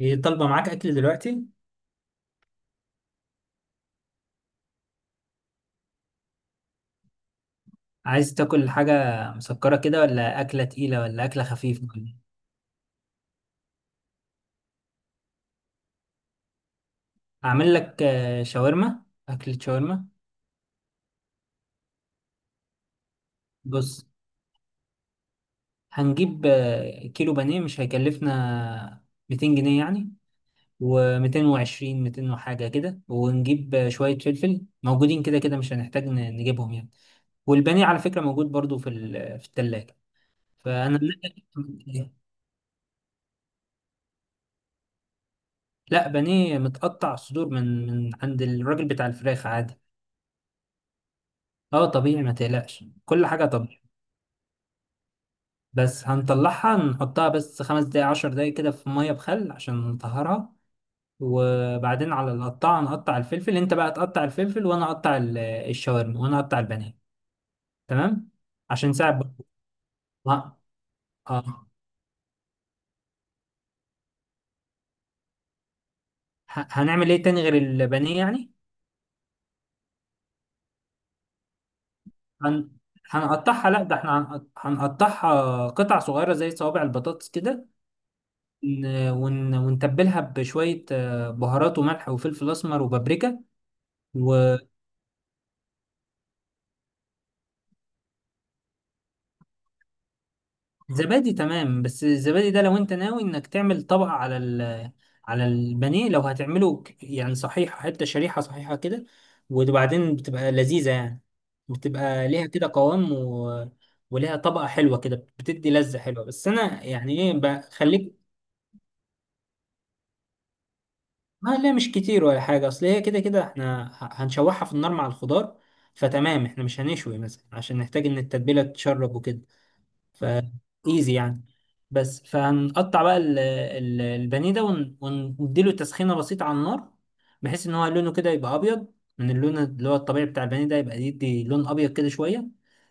هي طالبة معاك أكل دلوقتي؟ عايز تاكل حاجة مسكرة كده ولا أكلة تقيلة ولا أكلة خفيفة؟ أعمل لك شاورما. أكلة شاورما. بص، هنجيب كيلو بانيه مش هيكلفنا 200 جنيه يعني، و220 200 وحاجة كده، ونجيب شوية فلفل موجودين كده كده، مش هنحتاج نجيبهم يعني. والبانيه على فكرة موجود برضو في التلاجة. فأنا لا، بانيه متقطع صدور من عند الراجل بتاع الفراخ عادي. اه طبيعي، ما تقلقش، كل حاجة طبيعي. بس هنطلعها نحطها بس 5 دقايق 10 دقايق كده في مية بخل عشان نطهرها. وبعدين على القطاعة نقطع الفلفل، انت بقى تقطع الفلفل وانا اقطع الشاورما وانا اقطع البانيه. تمام، عشان نساعد بعض. اه. آه. هنعمل ايه تاني غير البانيه يعني؟ هن... هنقطعها، لا ده احنا هنقطعها قطع صغيرة زي صوابع البطاطس كده. ونتبلها بشوية بهارات وملح وفلفل أسمر وبابريكا و... زبادي. تمام، بس الزبادي ده لو انت ناوي انك تعمل طبقة على ال، على البانيه، لو هتعمله يعني صحيح حتة شريحة صحيحة كده، وبعدين بتبقى لذيذة يعني، بتبقى ليها كده قوام وليها طبقة حلوة كده بتدي لذة حلوة. بس انا يعني ايه بخليك. ما لا مش كتير ولا حاجة، اصل هي كده كده احنا هنشوحها في النار مع الخضار، فتمام، احنا مش هنشوي مثلا عشان نحتاج ان التتبيلة تتشرب وكده. ف ايزي يعني. بس فهنقطع بقى البانيه ده ونديله تسخينه بسيطه على النار، بحيث ان هو لونه كده يبقى ابيض من اللون اللي هو الطبيعي بتاع البانيه، ده يبقى يدي لون ابيض كده شويه.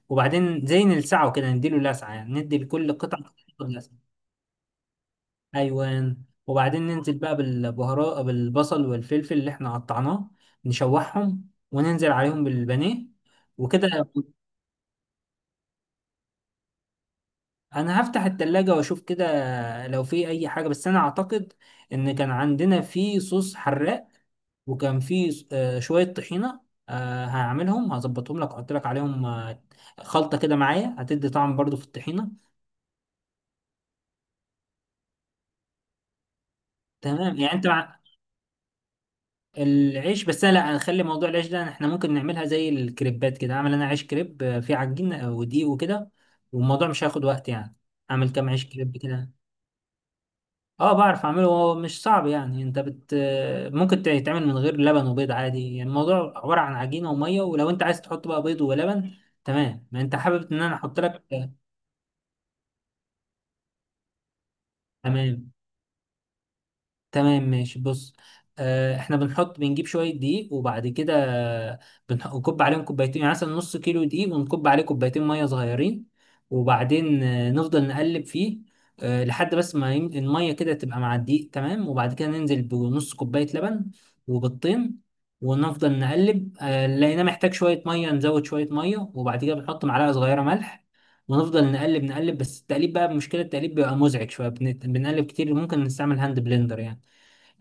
وبعدين زي نلسعه كده، نديله لسعه، يعني ندي لكل قطعه لسعه. ايوان. وبعدين ننزل بقى بالبهارات، بالبصل والفلفل اللي احنا قطعناه، نشوحهم وننزل عليهم بالبانيه وكده. انا هفتح التلاجة واشوف كده لو في اي حاجة، بس انا اعتقد ان كان عندنا في صوص حراق، وكان في شوية طحينة. هعملهم هظبطهم لك، واحط لك عليهم خلطة كده معايا هتدي طعم برضو في الطحينة. تمام يعني، انت مع العيش. بس أنا لا، هنخلي موضوع العيش ده، احنا ممكن نعملها زي الكريبات كده، اعمل انا عيش كريب، فيه عجين ودقيق وكده، والموضوع مش هياخد وقت يعني. اعمل كام عيش كريب كده. اه بعرف اعمله، هو مش صعب يعني. انت بت، ممكن يتعمل من غير لبن وبيض عادي، يعني الموضوع عبارة عن عجينة ومية، ولو انت عايز تحط بقى بيض ولبن تمام، ما انت حابب ان انا احط لك. تمام، تمام ماشي. بص، احنا بنحط، بنجيب شويه دقيق، وبعد كده بنكب عليهم كوبايتين، يعني مثلا نص كيلو دقيق ونكب عليه كوبايتين ميه صغيرين. وبعدين نفضل نقلب فيه لحد بس ما الميه كده تبقى مع الدقيق تمام. وبعد كده ننزل بنص كوبايه لبن وبيضتين، ونفضل نقلب لقيناه محتاج شويه ميه، نزود شويه ميه، وبعد كده بنحط معلقه صغيره ملح. ونفضل نقلب نقلب، بس التقليب بقى مشكله، التقليب بيبقى مزعج شويه، بنقلب كتير، ممكن نستعمل هاند بلندر يعني،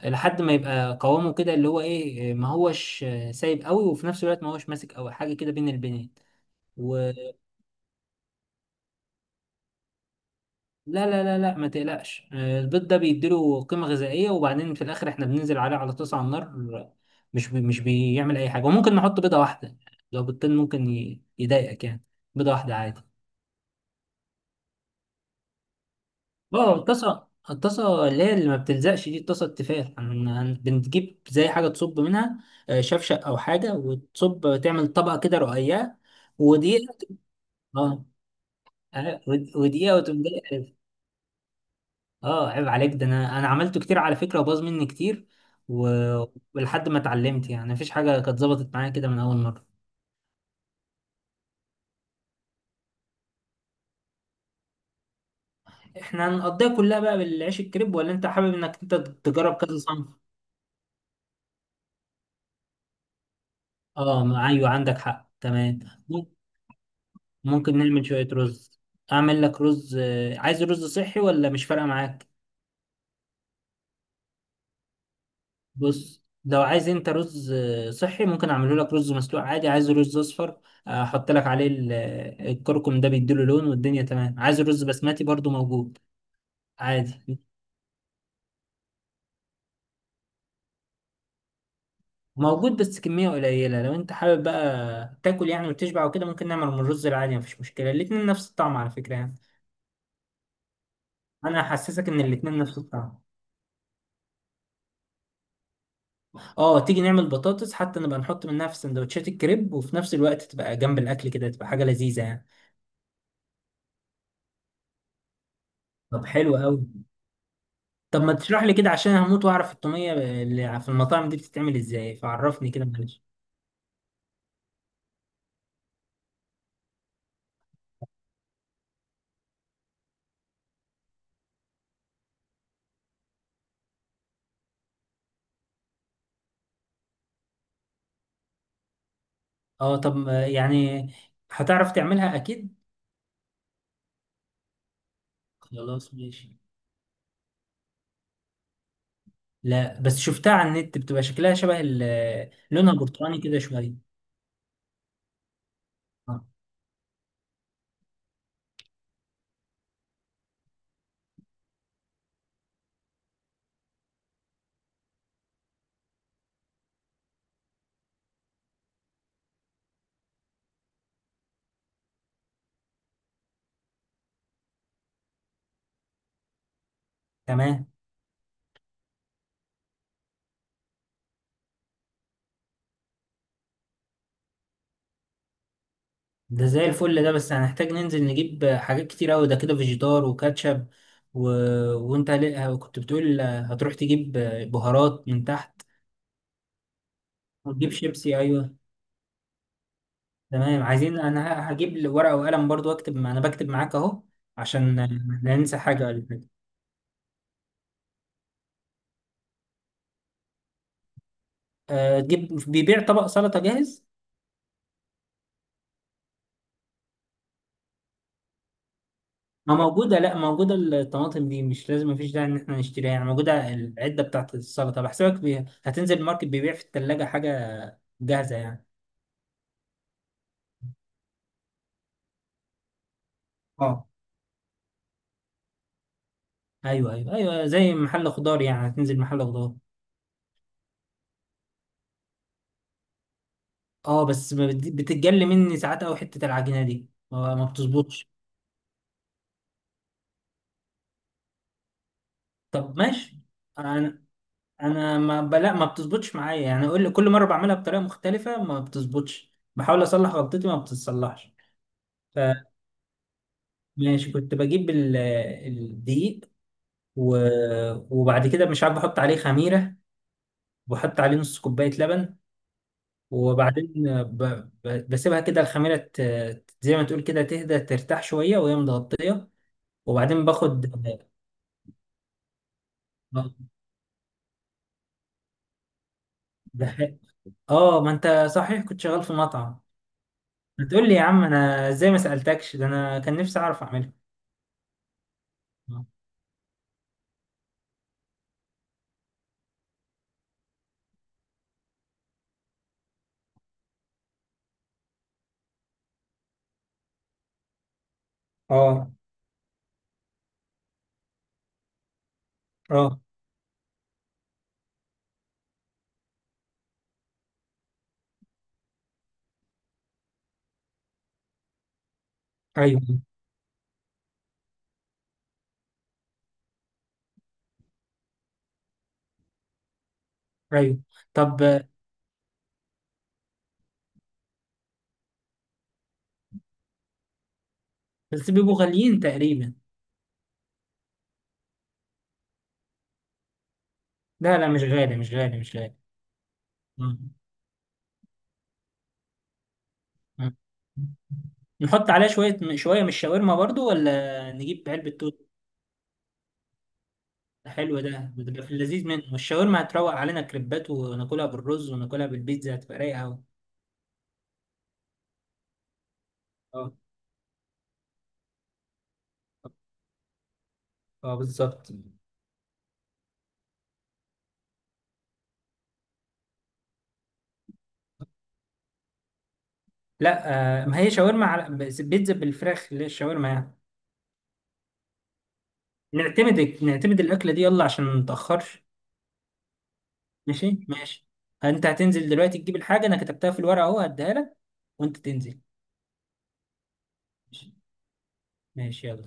لحد ما يبقى قوامه كده اللي هو ايه، ما هوش سايب قوي، وفي نفس الوقت ما هوش ماسك قوي، حاجه كده بين البنين. ولا، لا لا لا لا، ما تقلقش، البيض ده بيديله قيمه غذائيه، وبعدين في الاخر احنا بننزل عليه على طاسه على النار، مش بيعمل اي حاجه، وممكن نحط بيضه واحده، لو بيضتين ممكن يضايقك يعني، بيضه واحده عادي. اه الطاسه، الطاسه اللي هي اللي ما بتلزقش دي، الطاسه التيفال، بنجيب زي حاجه تصب منها، شفشق او حاجه، وتصب تعمل طبقه كده رقيقه. ودقيقة. اه، ودقيقة وتقوم جاي، عارف. اه عيب عليك، ده انا انا عملته كتير على فكرة وباظ مني كتير و- ولحد ما اتعلمت يعني، مفيش حاجة كانت ظبطت معايا كده من اول مرة. احنا هنقضيها كلها بقى بالعيش الكريب، ولا انت حابب انك انت تجرب كذا صنف؟ اه ايوه، عندك حق تمام، ممكن نعمل شوية رز. اعمل لك رز، عايز رز صحي ولا مش فارقة معاك؟ بص، لو عايز انت رز صحي ممكن اعمله لك رز مسلوق عادي. عايز رز اصفر، احط لك عليه الكركم، ده بيديله لون والدنيا تمام. عايز رز بسمتي برضو موجود عادي. موجود بس كمية قليلة، لو انت حابب بقى تاكل يعني وتشبع وكده، ممكن نعمل من الرز العادي مفيش مشكلة، الاتنين نفس الطعم على فكرة يعني. انا هحسسك ان الاتنين نفس الطعم. اه تيجي نعمل بطاطس، حتى نبقى نحط منها في سندوتشات الكريب، وفي نفس الوقت تبقى جنب الاكل كده، تبقى حاجة لذيذة يعني. طب حلو قوي. طب ما تشرح لي كده، عشان هموت واعرف الطوميه اللي في المطاعم دي بتتعمل ازاي، فعرفني كده معلش. اه طب يعني هتعرف تعملها اكيد. خلاص ماشي. لا بس شفتها على النت، بتبقى شكلها شبه لونها برتقاني كده شويه. آه. تمام. ده زي الفل، ده بس هنحتاج ننزل نجيب حاجات كتير قوي ده كده، فيجيتار وكاتشب و... وانت كنت بتقول هتروح تجيب بهارات من تحت. وتجيب شيبسي ايوه. تمام عايزين، انا هجيب ورقة وقلم برضو اكتب، انا بكتب معاك اهو عشان لا ننسى حاجة ولا حاجة. أه، تجيب، بيبيع طبق سلطة جاهز. ما موجودة، لا موجودة، الطماطم دي مش لازم، مفيش داعي ان احنا نشتريها يعني، موجودة العدة بتاعت السلطة بحسبك هتنزل الماركت بيبيع في التلاجة حاجة جاهزة يعني. اه ايوه ايوه ايوه، زي محل خضار يعني، هتنزل محل خضار. اه بس ما بت- بتتجلي مني ساعات قوي حتة العجينة دي، ما بتظبطش. طب ماشي. انا، انا ما ب- لا ما بتظبطش معايا يعني، كل مره بعملها بطريقه مختلفه ما بتظبطش، بحاول اصلح غلطتي ما بتتصلحش. فماشي، كنت بجيب الدقيق و... وبعد كده مش عارف بحط عليه خميره، وبحط عليه نص كوبايه لبن. وبعدين ب... بسيبها كده، الخميره زي ما تقول كده تهدى ترتاح شويه وهي متغطيه. وبعدين باخد. بح- اه ما انت صحيح كنت شغال في مطعم، هتقول لي يا عم انا ازاي ما سالتكش، ده انا كان نفسي اعرف اعملها. اه. اه. ايوه ايوه. طب بس بيبقوا غاليين تقريبا. لا لا، مش غالي مش غالي مش غالي. آه. آه. نحط عليها شوية شوية من الشاورما برضو، ولا نجيب علبة توت؟ حلو، ده بتبقى في اللذيذ منه، والشاورما هتروق علينا كريبات، وناكلها بالرز، وناكلها بالبيتزا، هتبقى رايقة أوي. اه. اه بالظبط. لا. آه، ما هي شاورما، على بس بيتزا بالفراخ اللي هي الشاورما يعني. نعتمد نعتمد الأكلة دي، يلا عشان ما نتأخرش. ماشي ماشي. انت هتنزل دلوقتي تجيب الحاجه، انا كتبتها في الورقه اهو هديها لك وانت تنزل. ماشي. ماشي، يلا.